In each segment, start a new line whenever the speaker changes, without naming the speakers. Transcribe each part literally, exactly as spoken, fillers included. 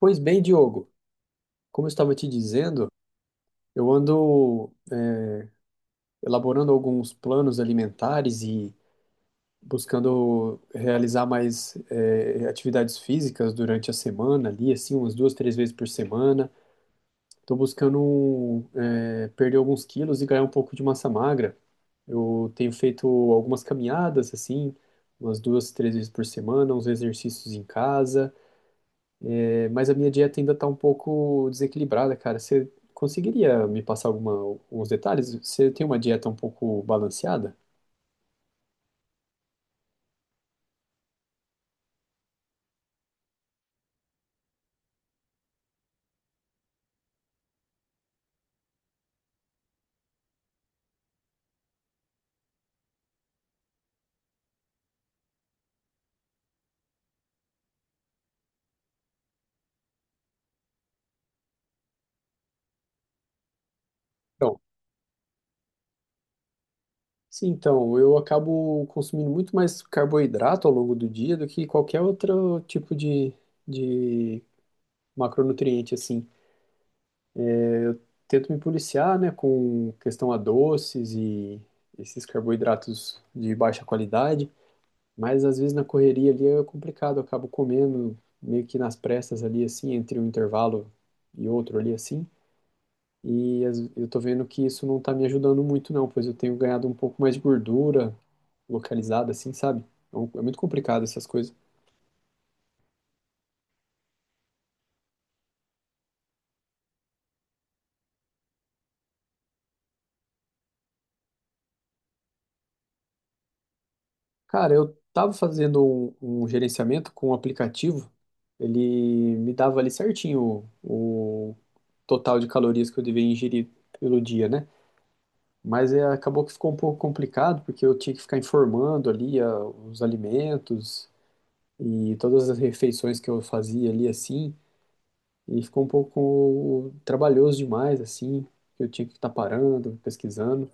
Pois bem, Diogo, como eu estava te dizendo, eu ando elaborando alguns planos alimentares e buscando realizar mais eh, atividades físicas durante a semana, ali, assim, umas duas, três vezes por semana. Estou buscando um, eh, perder alguns quilos e ganhar um pouco de massa magra. Eu tenho feito algumas caminhadas, assim, umas duas, três vezes por semana, uns exercícios em casa. Mas a minha dieta ainda tá um pouco desequilibrada, cara. Você conseguiria me passar alguma, alguns detalhes? Você tem uma dieta um pouco balanceada? Então, sim, então, eu acabo consumindo muito mais carboidrato ao longo do dia do que qualquer outro tipo de, de macronutriente, assim. Tento me policiar, né, com questão a doces e esses carboidratos de baixa qualidade. Mas às vezes na correria ali é complicado, eu acabo comendo meio que nas pressas ali, assim, entre um intervalo e outro ali, assim. E as- eu tô vendo que isso não tá me ajudando muito, não, pois eu tenho ganhado um pouco mais de gordura localizada, assim, sabe? Então, é muito complicado essas coisas. Cara, eu tava fazendo um, um gerenciamento com um aplicativo, ele me dava ali certinho o, o total de calorias que eu devia ingerir pelo dia, né? Mas é, acabou que ficou um pouco complicado, porque eu tinha que ficar informando ali ah, os alimentos e todas as refeições que eu fazia ali assim, e ficou um pouco trabalhoso demais, assim, que eu tinha que estar parando, pesquisando.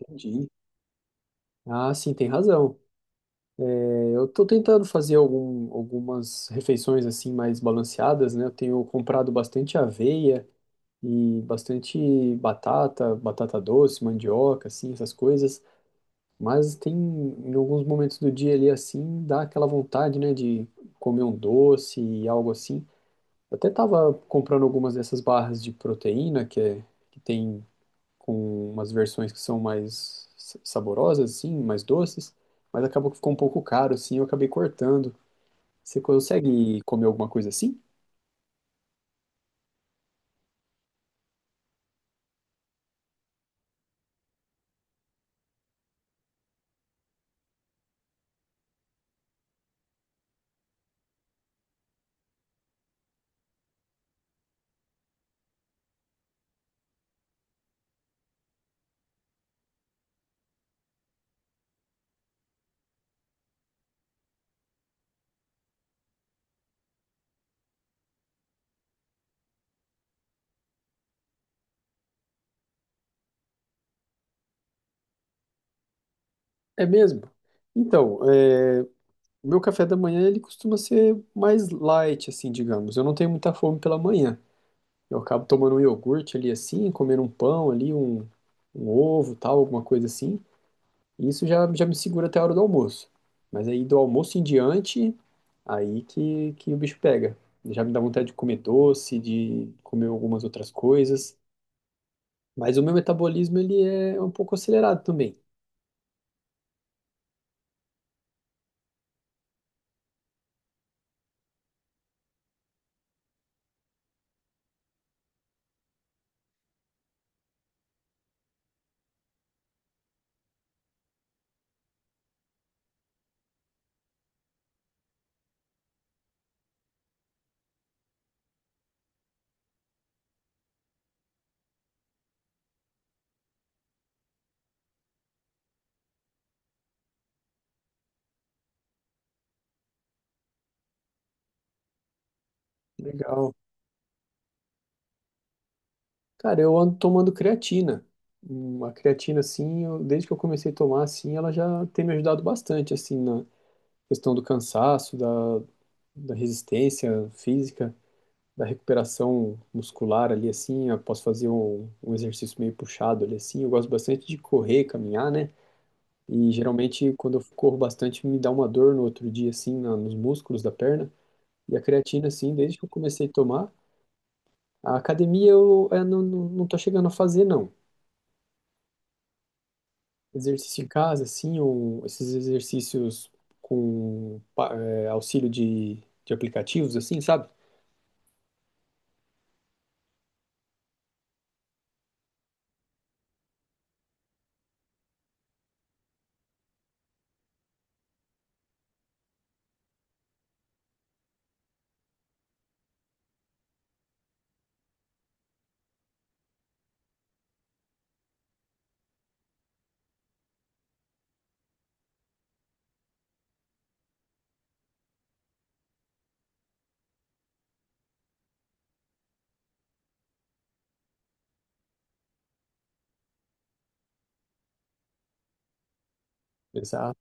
Entendi. Ah, sim, tem razão. É, eu estou tentando fazer algum- algumas refeições assim mais balanceadas, né? Eu tenho comprado bastante aveia e bastante batata, batata doce, mandioca, assim, essas coisas. Mas tem, em alguns momentos do dia ali assim, dá aquela vontade, né, de comer um doce e algo assim. Eu até tava comprando algumas dessas barras de proteína que, é, que tem com umas versões que são mais sa- saborosas, assim, mais doces, mas acabou que ficou um pouco caro, assim, eu acabei cortando. Você consegue comer alguma coisa assim? É mesmo? Então, é, o meu café da manhã ele costuma ser mais light, assim, digamos. Eu não tenho muita fome pela manhã. Eu acabo tomando um iogurte ali assim, comendo um pão ali, um, um ovo, tal, alguma coisa assim. E isso já, já me segura até a hora do almoço. Mas aí do almoço em diante, aí que, que o bicho pega. Já me dá vontade de comer doce, de comer algumas outras coisas. Mas o meu metabolismo, ele é um pouco acelerado também. Legal. Cara, eu ando tomando creatina. Uma creatina, assim, eu- desde que eu comecei a tomar, assim, ela já tem me ajudado bastante, assim, na questão do cansaço, da, da resistência física, da recuperação muscular ali assim. Eu posso fazer um, um exercício meio puxado ali assim. Eu gosto bastante de correr, caminhar, né? E geralmente quando eu corro bastante me dá uma dor no outro dia assim na- nos músculos da perna. E a creatina assim, desde que eu comecei a tomar, a academia eu, eh, não, não, não tô chegando a fazer não. Exercício em casa assim, ou esses exercícios com pa- eh, auxílio de, de aplicativos assim, sabe? Essa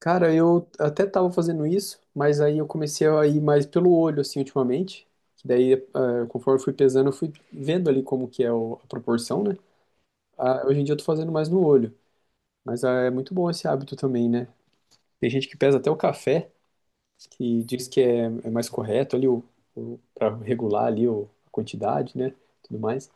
Cara, eu até tava fazendo isso, mas aí eu comecei a ir mais pelo olho, assim, ultimamente. Que daí, eh, conforme eu fui pesando, eu fui vendo ali como que é o- a proporção, né? Ah, hoje em dia eu tô fazendo mais no olho. Mas ah, é muito bom esse hábito também, né? Tem gente que pesa até o café, que diz que é, é mais correto ali o, o, para regular ali o, a quantidade, né? Tudo mais.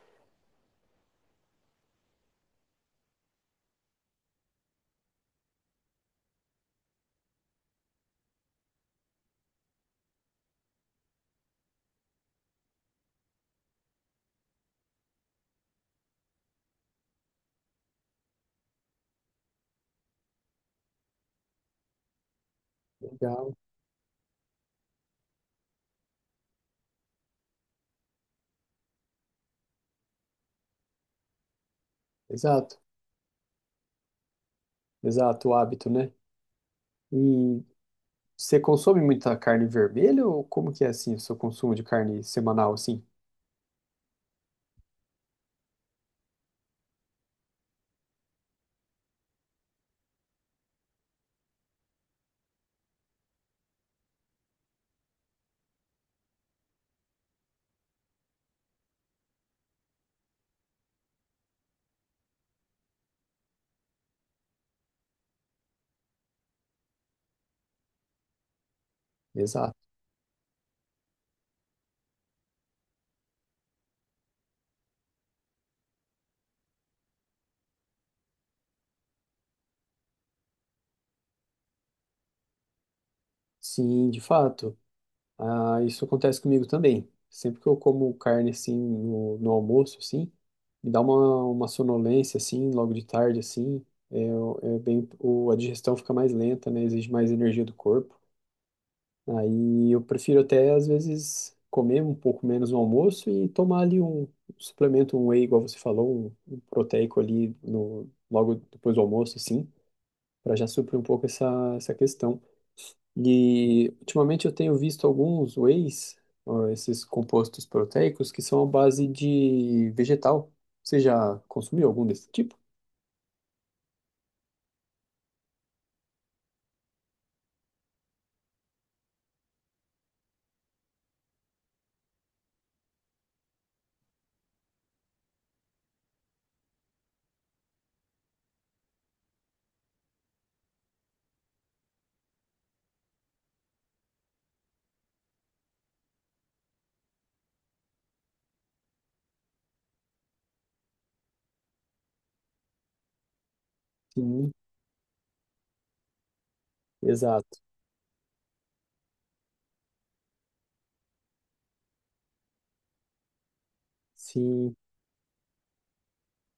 Legal. Exato, exato, o hábito, né? E você consome muita carne vermelha ou como que é assim o seu consumo de carne semanal, assim? Exato. Sim, de fato. Ah, isso acontece comigo também. Sempre que eu como carne assim no, no almoço, assim, me dá uma, uma sonolência assim, logo de tarde, assim, é, é bem, o, a digestão fica mais lenta, né? Exige mais energia do corpo. Aí eu prefiro até às vezes comer um pouco menos no almoço e tomar ali um suplemento, um whey, igual você falou, um, um proteico ali no, logo depois do almoço, assim, para já suprir um pouco essa, essa questão. E ultimamente eu tenho visto alguns whey's, ó, esses compostos proteicos, que são à base de vegetal. Você já consumiu algum desse tipo? Sim, exato. Sim,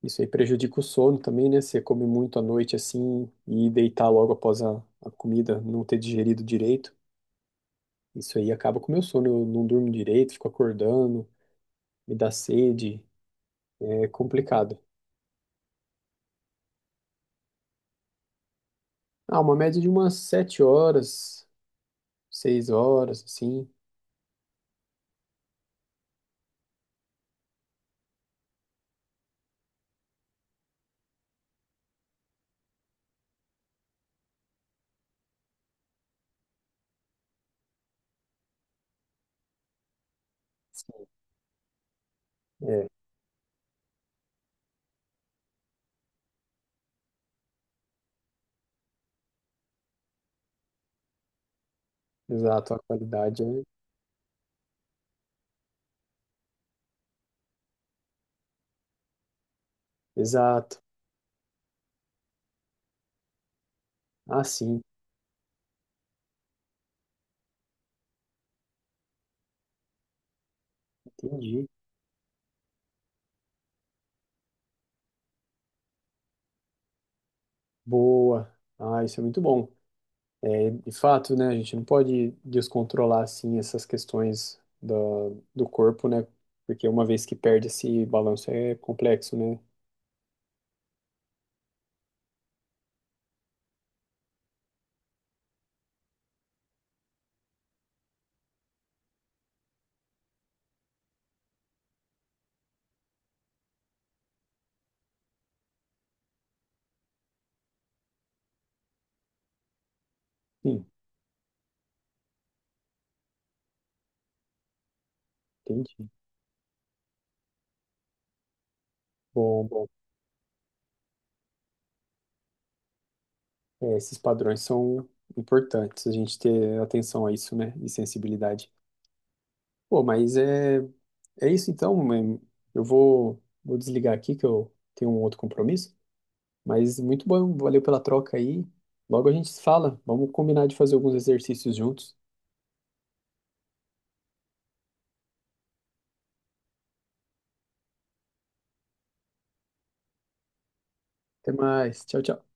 isso aí prejudica o sono também, né? Você come muito à noite assim e deitar logo após a, a comida, não ter digerido direito. Isso aí acaba com o meu sono. Eu não durmo direito, fico acordando, me dá sede, é complicado. Ah, uma média de umas sete horas, seis horas, assim. Exato, a qualidade é. Exato. Ah, sim, entendi. Boa. Ah, isso é muito bom. É, de fato, né, a gente não pode descontrolar, assim, essas questões do, do corpo, né? Porque uma vez que perde esse balanço é complexo, né? Sim, entendi. Bom, bom. É, esses padrões são importantes, a gente ter atenção a isso, né? E sensibilidade. Pô, mas é, é isso então. é, Eu vou, vou desligar aqui que eu tenho um outro compromisso. Mas muito bom, valeu pela troca aí. Logo a gente se fala. Vamos combinar de fazer alguns exercícios juntos. Até mais. Tchau, tchau.